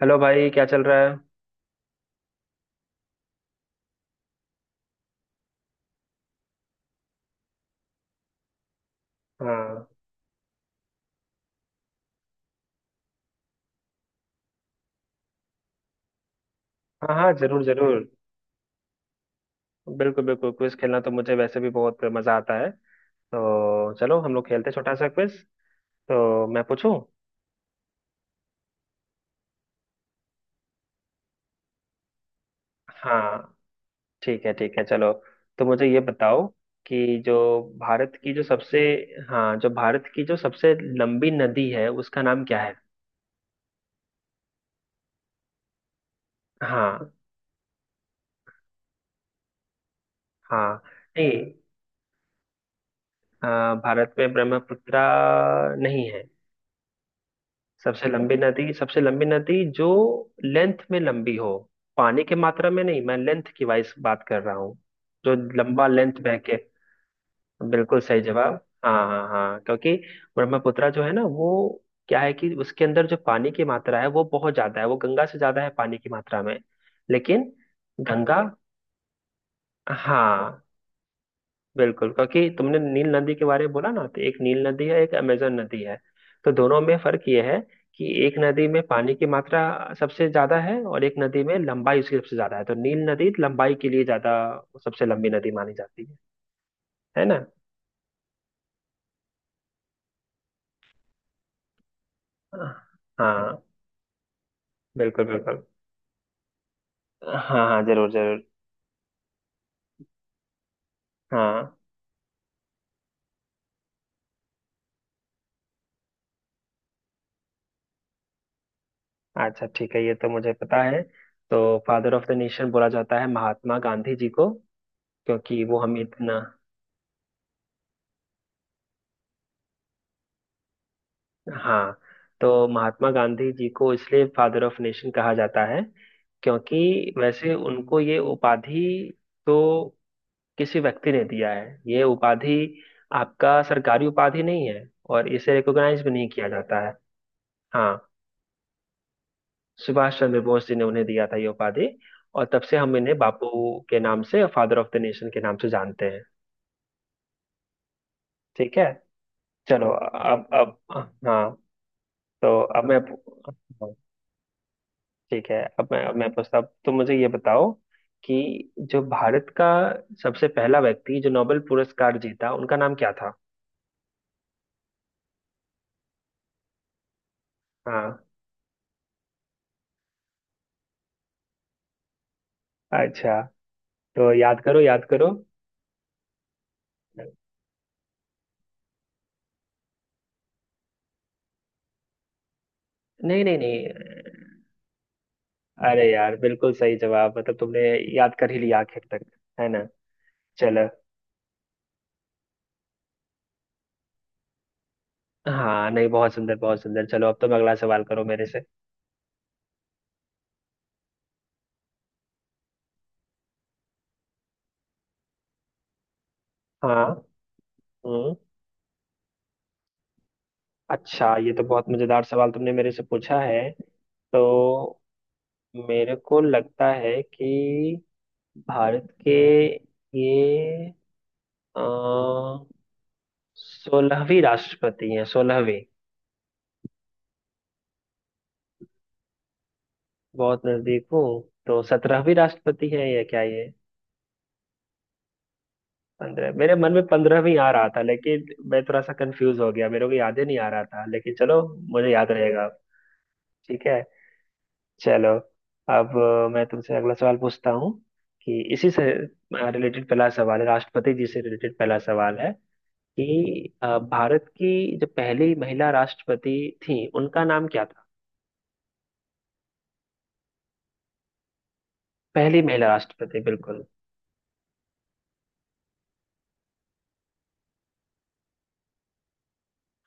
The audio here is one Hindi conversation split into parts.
हेलो भाई, क्या चल रहा है। हाँ हाँ हाँ, जरूर जरूर। बिल्कुल बिल्कुल, क्विज खेलना तो मुझे वैसे भी बहुत मजा आता है। तो चलो, हम लोग खेलते हैं छोटा सा क्विज। तो मैं पूछूं। हाँ, ठीक है ठीक है, चलो। तो मुझे ये बताओ कि जो भारत की जो सबसे हाँ, जो भारत की जो सबसे लंबी नदी है उसका नाम क्या है। हाँ हाँ। नहीं, अ, भारत में ब्रह्मपुत्र नहीं है। सबसे लंबी नदी, सबसे लंबी नदी जो लेंथ में लंबी हो, पानी की मात्रा में नहीं, मैं लेंथ की वाइज बात कर रहा हूँ। जो लंबा लेंथ बह के। बिल्कुल सही जवाब। हाँ हाँ हाँ, क्योंकि ब्रह्मपुत्रा जो है ना, वो क्या है कि उसके अंदर जो पानी की मात्रा है वो बहुत ज्यादा है, वो गंगा से ज्यादा है पानी की मात्रा में। लेकिन गंगा। हाँ, बिल्कुल, क्योंकि तुमने नील नदी के बारे में बोला ना, तो एक नील नदी है, एक अमेजन नदी है। तो दोनों में फर्क यह है कि एक नदी में पानी की मात्रा सबसे ज्यादा है, और एक नदी में लंबाई उसकी सबसे ज्यादा है, तो नील नदी लंबाई के लिए ज्यादा, सबसे लंबी नदी मानी जाती है। है ना। हाँ, बिल्कुल बिल्कुल। हाँ हाँ, जरूर जरूर। हाँ। अच्छा, ठीक है, ये तो मुझे पता है। तो फादर ऑफ द नेशन बोला जाता है महात्मा गांधी जी को, क्योंकि वो हमें इतना। हाँ, तो महात्मा गांधी जी को इसलिए फादर ऑफ नेशन कहा जाता है, क्योंकि वैसे उनको ये उपाधि, तो किसी व्यक्ति ने दिया है ये उपाधि, आपका सरकारी उपाधि नहीं है, और इसे रिकॉग्नाइज भी नहीं किया जाता है। हाँ, सुभाष चंद्र बोस जी ने उन्हें दिया था ये उपाधि, और तब से हम इन्हें बापू के नाम से, फादर ऑफ द नेशन के नाम से जानते हैं। ठीक है, चलो अब। हाँ, तो अब मैं। ठीक है, अब मैं पूछता हूँ, तो मुझे ये बताओ कि जो भारत का सबसे पहला व्यक्ति जो नोबेल पुरस्कार जीता उनका नाम क्या था। हाँ, अच्छा, तो याद करो याद करो। नहीं नहीं नहीं। अरे यार, बिल्कुल सही जवाब, मतलब तुमने याद कर ही लिया आखिर तक। है ना। चलो। हाँ, नहीं, बहुत सुंदर बहुत सुंदर, चलो अब तुम अगला सवाल करो मेरे से। हाँ, हम्म, अच्छा, ये तो बहुत मजेदार सवाल तुमने मेरे से पूछा है। तो मेरे को लगता है कि भारत के ये अ, 16वीं राष्ट्रपति हैं, 16वीं। बहुत नजदीक हूँ। तो 17वीं राष्ट्रपति हैं या क्या ये। पंद्रह, मेरे मन में 15वीं आ रहा था लेकिन मैं थोड़ा सा कंफ्यूज हो गया, मेरे को याद ही नहीं आ रहा था, लेकिन चलो, मुझे याद रहेगा। ठीक है, चलो अब मैं तुमसे अगला सवाल पूछता हूँ कि इसी से रिलेटेड पहला सवाल है, राष्ट्रपति जी से रिलेटेड पहला सवाल है कि भारत की जो पहली महिला राष्ट्रपति थी उनका नाम क्या था। पहली महिला राष्ट्रपति, बिल्कुल।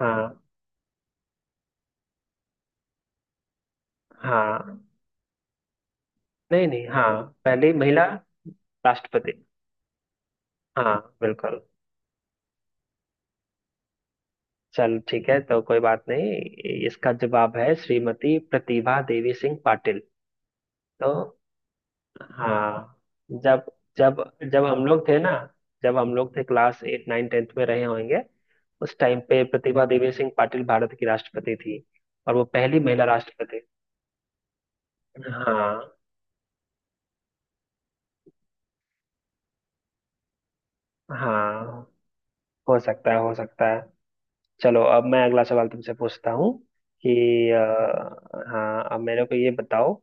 हाँ हाँ। नहीं नहीं, हाँ, पहली महिला राष्ट्रपति। हाँ, बिल्कुल, चल ठीक है, तो कोई बात नहीं, इसका जवाब है श्रीमती प्रतिभा देवी सिंह पाटिल। तो हाँ, जब जब जब हम लोग थे ना, जब हम लोग थे क्लास 8 9 10th में रहे होंगे, उस टाइम पे प्रतिभा देवी सिंह पाटिल भारत की राष्ट्रपति थी, और वो पहली महिला राष्ट्रपति। हाँ हाँ। हो सकता है हो सकता है। चलो, अब मैं अगला सवाल तुमसे पूछता हूँ कि अ, हाँ, अब मेरे को ये बताओ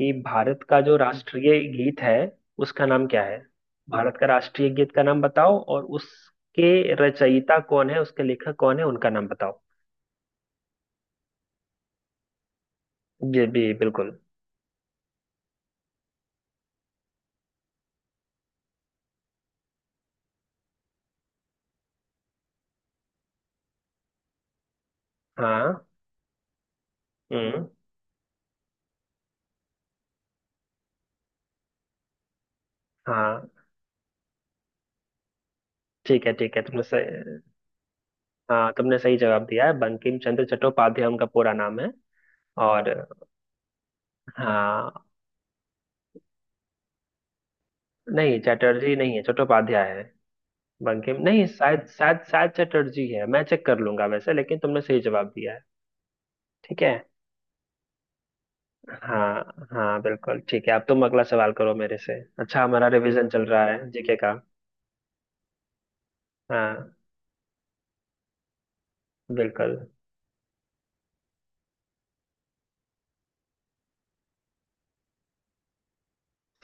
कि भारत का जो राष्ट्रीय गीत है उसका नाम क्या है। भारत का राष्ट्रीय गीत का नाम बताओ, और उसके रचयिता कौन है, उसके लेखक कौन है, उनका नाम बताओ। जी जी, बिल्कुल। हाँ, हम्म। हाँ, ठीक है ठीक है, तुमने सही। हाँ, तुमने सही जवाब दिया है, बंकिम चंद्र चट्टोपाध्याय उनका पूरा नाम है। और हाँ। नहीं, चटर्जी नहीं है, चट्टोपाध्याय है। बंकिम नहीं, शायद शायद शायद चटर्जी है, मैं चेक कर लूंगा वैसे, लेकिन तुमने सही जवाब दिया है। ठीक है। हाँ हाँ बिल्कुल, ठीक है, अब तुम अगला सवाल करो मेरे से। अच्छा, हमारा रिवीजन चल रहा है जीके का। हाँ, बिल्कुल।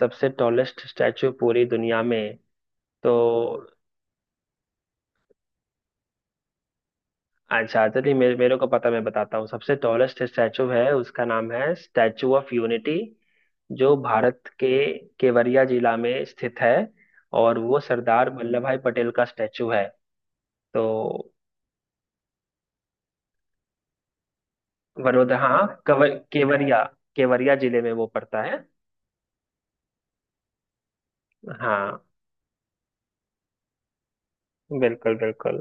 सबसे टॉलेस्ट स्टैचू पूरी दुनिया में। तो अच्छा, चलिए मेरे मेरे को पता, मैं बताता हूँ, सबसे टॉलेस्ट स्टैचू है, उसका नाम है स्टैचू ऑफ यूनिटी, जो भारत के केवड़िया जिला में स्थित है, और वो सरदार वल्लभ भाई पटेल का स्टैचू है। तो वडोदरा, हाँ, केवड़िया, केवड़िया जिले में वो पड़ता है। हाँ, बिल्कुल बिल्कुल।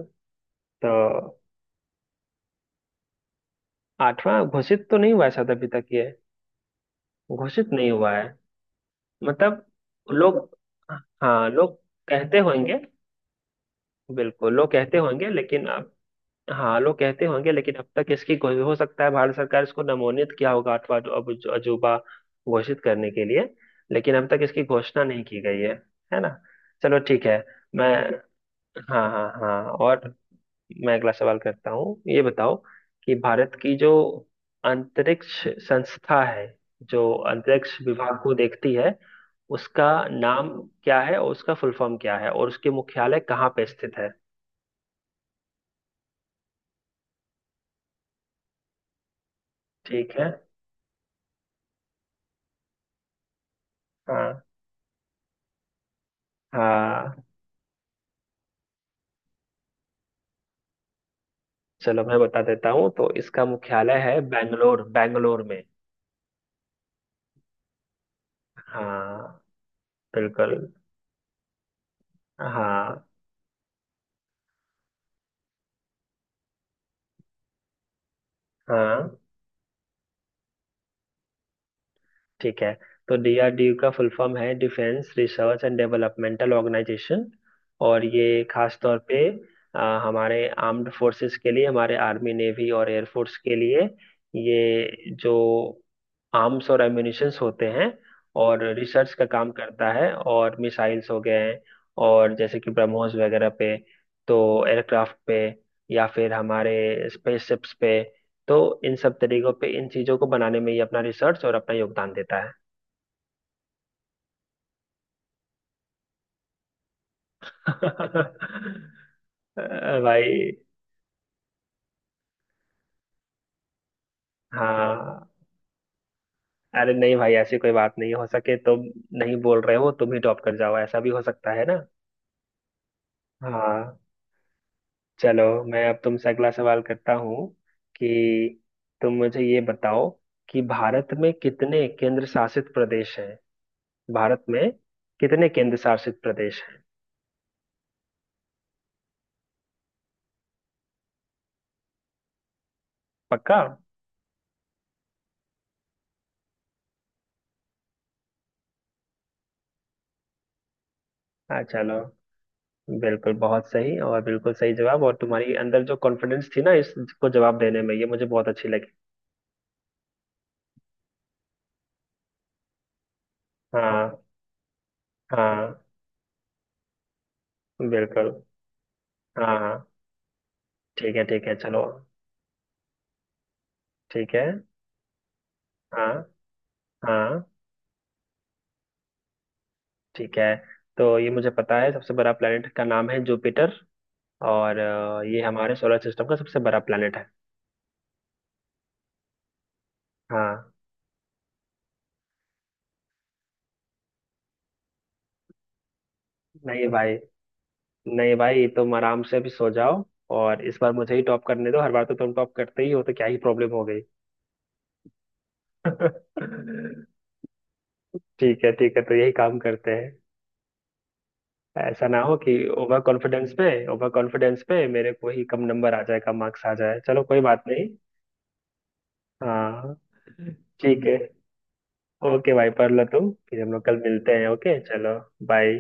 तो आठवां घोषित तो नहीं हुआ है शायद अभी तक, ये घोषित नहीं हुआ है। मतलब, लोग, हाँ लोग कहते होंगे, बिल्कुल लोग कहते होंगे लेकिन, हाँ लोग कहते होंगे लेकिन अब तक इसकी कोई, हो सकता है भारत सरकार इसको नमोनित किया होगा, अथवा अजूबा घोषित करने के लिए, लेकिन अब तक इसकी घोषणा नहीं की गई है। है ना। चलो ठीक है। मैं, हाँ हाँ हाँ, और मैं अगला सवाल करता हूँ, ये बताओ कि भारत की जो अंतरिक्ष संस्था है, जो अंतरिक्ष विभाग को देखती है, उसका नाम क्या है, और उसका फुल फॉर्म क्या है, और उसके मुख्यालय कहाँ पे स्थित है। ठीक है। हाँ हाँ। चलो, मैं बता देता हूँ, तो इसका मुख्यालय है बेंगलोर, बेंगलोर में। हाँ, बिल्कुल। हाँ हाँ। ठीक है, तो डीआरडीओ का फुल फॉर्म है defence research and developmental organisation. और ये खास तौर पे अ, हमारे आर्म्ड फोर्सेस के लिए, हमारे आर्मी नेवी और एयरफोर्स के लिए ये जो आर्म्स और एम्युनिशंस होते हैं, और रिसर्च का काम करता है, और मिसाइल्स हो गए हैं, और जैसे कि ब्रह्मोस वगैरह पे, तो एयरक्राफ्ट पे, या फिर हमारे स्पेसशिप्स पे, तो इन सब तरीकों पे इन चीजों को बनाने में ही अपना रिसर्च और अपना योगदान देता है। भाई। हाँ, अरे नहीं भाई, ऐसी कोई बात नहीं, हो सके तुम नहीं बोल रहे हो, तुम ही टॉप कर जाओ, ऐसा भी हो सकता है ना। हाँ, चलो, मैं अब तुमसे अगला सवाल करता हूँ कि तुम मुझे ये बताओ कि भारत में कितने केंद्र शासित प्रदेश हैं। भारत में कितने केंद्र शासित प्रदेश हैं। पक्का। हाँ, चलो, बिल्कुल बहुत सही और बिल्कुल सही जवाब, और तुम्हारी अंदर जो कॉन्फिडेंस थी ना इसको जवाब देने में, ये मुझे बहुत अच्छी लगी। हाँ हाँ बिल्कुल। हाँ हाँ। ठीक है ठीक है। चलो ठीक है। हाँ हाँ, ठीक है, तो ये मुझे पता है, सबसे बड़ा प्लेनेट का नाम है जुपिटर, और ये हमारे सोलर सिस्टम का सबसे बड़ा प्लेनेट है। हाँ, नहीं भाई, नहीं भाई, तुम आराम से अभी सो जाओ, और इस बार मुझे ही टॉप करने दो, हर बार तो तुम टॉप करते ही हो तो क्या ही प्रॉब्लम हो गई। ठीक है ठीक है, तो यही काम करते हैं, ऐसा ना हो कि ओवर कॉन्फिडेंस पे, ओवर कॉन्फिडेंस पे मेरे को ही कम नंबर आ जाए, कम मार्क्स आ जाए, चलो कोई बात नहीं। हाँ, ठीक है, ओके भाई पढ़ लो तुम, फिर हम लोग कल मिलते हैं, ओके चलो, बाय।